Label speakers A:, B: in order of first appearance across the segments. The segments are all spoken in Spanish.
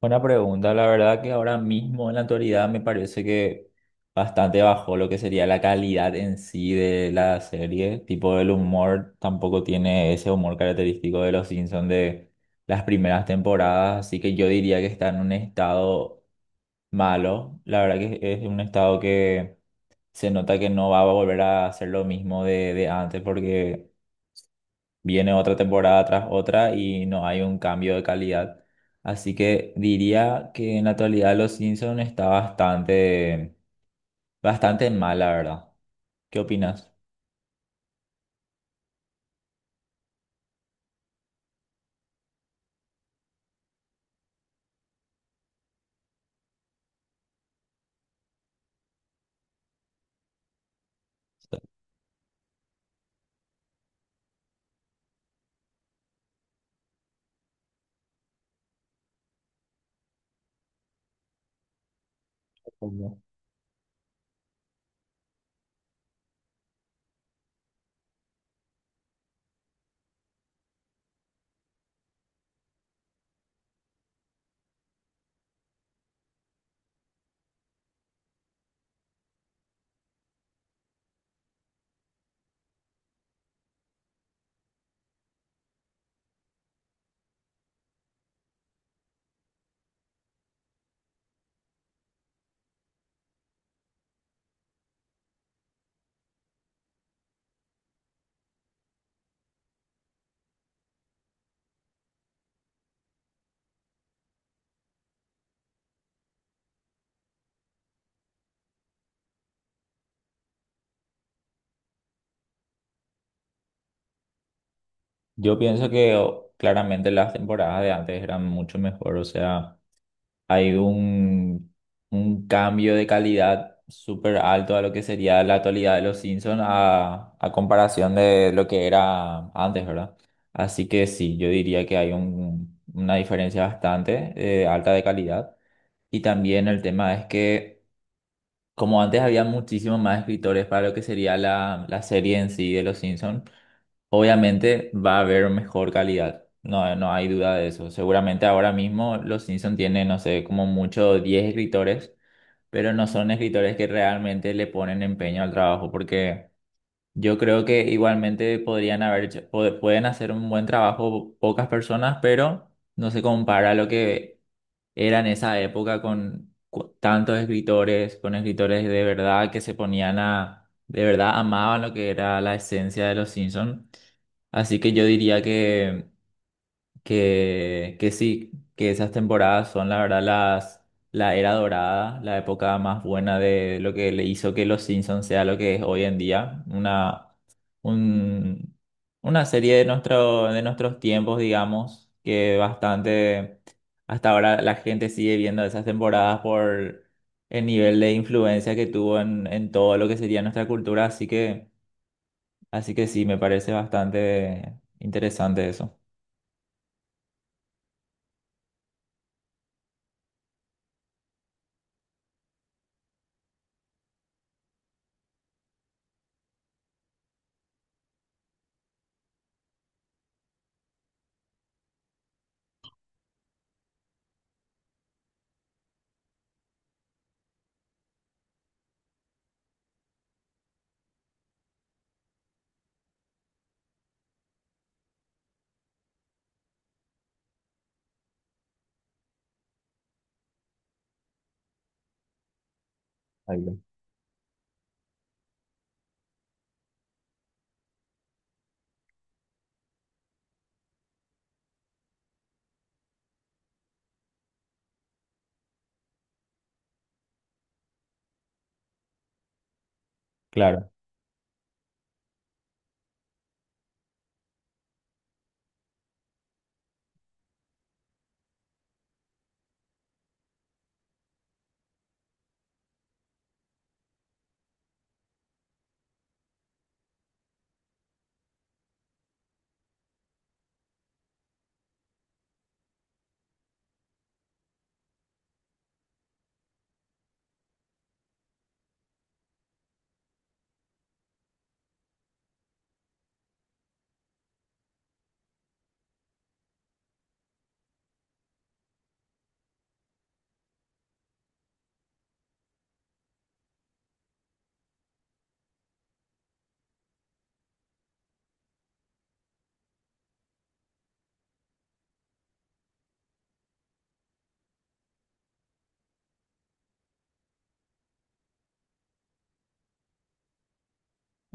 A: Buena pregunta, la verdad que ahora mismo en la actualidad me parece que bastante bajó lo que sería la calidad en sí de la serie, tipo el humor tampoco tiene ese humor característico de los Simpsons de las primeras temporadas, así que yo diría que está en un estado malo, la verdad que es un estado que se nota que no va a volver a hacer lo mismo de antes porque viene otra temporada tras otra y no hay un cambio de calidad. Así que diría que en la actualidad Los Simpson está bastante, bastante mal, la verdad. ¿Qué opinas? Yo pienso que claramente las temporadas de antes eran mucho mejor, o sea. Hay un cambio de calidad súper alto a lo que sería la actualidad de los Simpsons a comparación de lo que era antes, ¿verdad? Así que sí, yo diría que hay una diferencia bastante alta de calidad. Y también el tema es que, como antes había muchísimos más escritores para lo que sería la serie en sí de los Simpsons, obviamente va a haber mejor calidad. No, no hay duda de eso. Seguramente ahora mismo los Simpson tienen, no sé, como mucho 10 escritores, pero no son escritores que realmente le ponen empeño al trabajo, porque yo creo que igualmente podrían haber hecho- pod- pueden hacer un buen trabajo pocas personas, pero no se compara a lo que era en esa época con tantos escritores, con escritores de verdad que se ponían a, de verdad amaban lo que era la esencia de los Simpsons. Así que yo diría que sí, que esas temporadas son la verdad la era dorada, la época más buena de lo que le hizo que los Simpsons sea lo que es hoy en día, un- una serie de de nuestros tiempos, digamos, que bastante, hasta ahora la gente sigue viendo esas temporadas por el nivel de influencia que tuvo en todo lo que sería nuestra cultura, así que sí, me parece bastante interesante eso. Ahí va. Claro.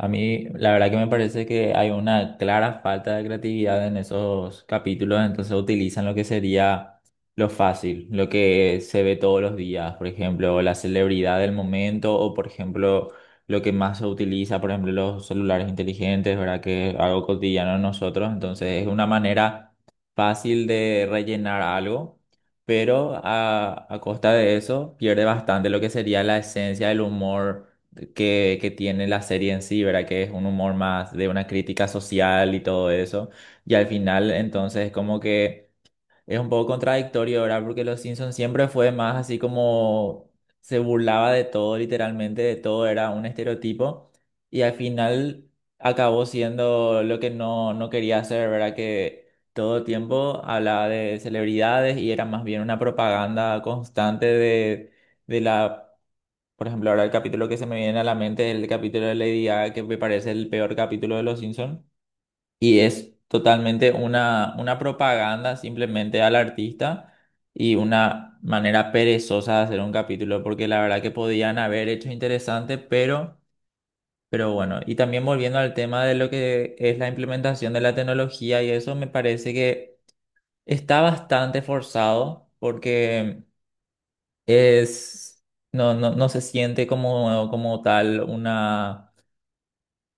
A: A mí, la verdad que me parece que hay una clara falta de creatividad en esos capítulos, entonces utilizan lo que sería lo fácil, lo que se ve todos los días, por ejemplo, la celebridad del momento o, por ejemplo, lo que más se utiliza, por ejemplo, los celulares inteligentes, ¿verdad? Que es algo cotidiano en nosotros, entonces es una manera fácil de rellenar algo, pero a costa de eso pierde bastante lo que sería la esencia del humor que tiene la serie en sí, ¿verdad? Que es un humor más de una crítica social y todo eso. Y al final, entonces, como que es un poco contradictorio, ¿verdad? Porque Los Simpsons siempre fue más así como se burlaba de todo, literalmente, de todo, era un estereotipo. Y al final acabó siendo lo que no, no quería hacer, ¿verdad? Que todo el tiempo hablaba de celebridades y era más bien una propaganda constante de la por ejemplo, ahora el capítulo que se me viene a la mente es el capítulo de Lady Gaga, que me parece el peor capítulo de Los Simpsons. Y es totalmente una propaganda simplemente al artista y una manera perezosa de hacer un capítulo, porque la verdad que podían haber hecho interesante, pero bueno. Y también volviendo al tema de lo que es la implementación de la tecnología y eso, me parece que está bastante forzado, porque es, no se siente como tal una,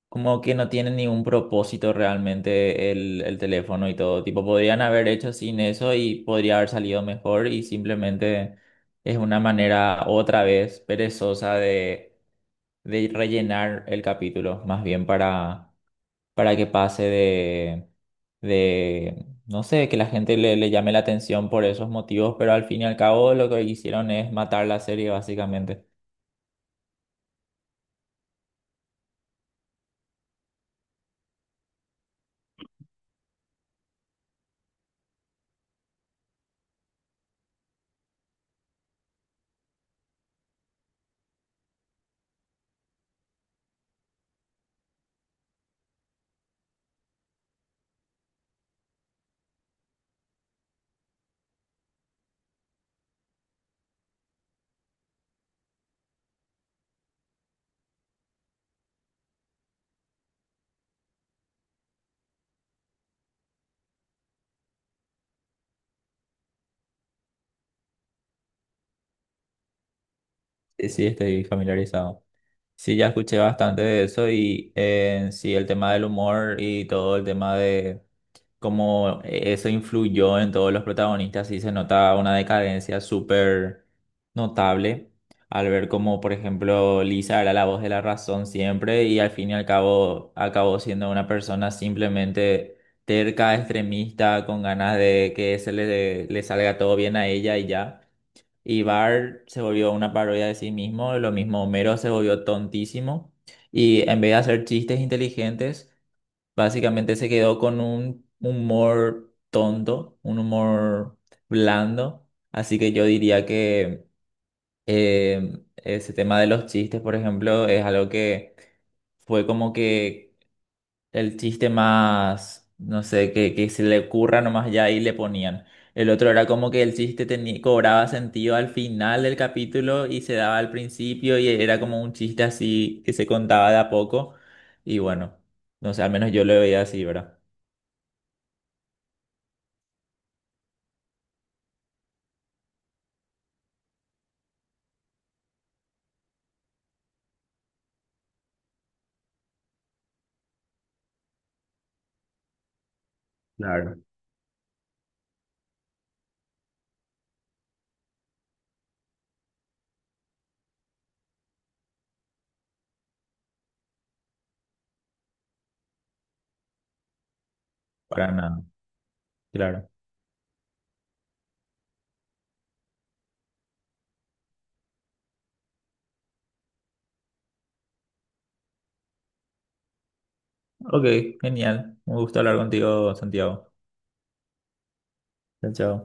A: como que no tiene ningún propósito realmente el teléfono y todo. Tipo, podrían haber hecho sin eso y podría haber salido mejor y simplemente es una manera otra vez perezosa de rellenar el capítulo, más bien para que pase de no sé, que la gente le llame la atención por esos motivos, pero al fin y al cabo lo que hicieron es matar la serie básicamente. Sí, sí, estoy familiarizado. Sí, ya escuché bastante de eso y sí, el tema del humor y todo el tema de cómo eso influyó en todos los protagonistas, sí se nota una decadencia súper notable al ver cómo, por ejemplo, Lisa era la voz de la razón siempre y al fin y al cabo acabó siendo una persona simplemente terca, extremista, con ganas de que se le salga todo bien a ella y ya. Y Bar se volvió una parodia de sí mismo, lo mismo Homero se volvió tontísimo y en vez de hacer chistes inteligentes, básicamente se quedó con un humor tonto, un humor blando. Así que yo diría que ese tema de los chistes, por ejemplo, es algo que fue como que el chiste más, no sé, que se le ocurra nomás ya y le ponían. El otro era como que el chiste tenía, cobraba sentido al final del capítulo y se daba al principio y era como un chiste así que se contaba de a poco. Y bueno, no sé, al menos yo lo veía así, ¿verdad? Claro. Para nada, claro. Ok, genial. Un gusto hablar contigo, Santiago. Chao, chao.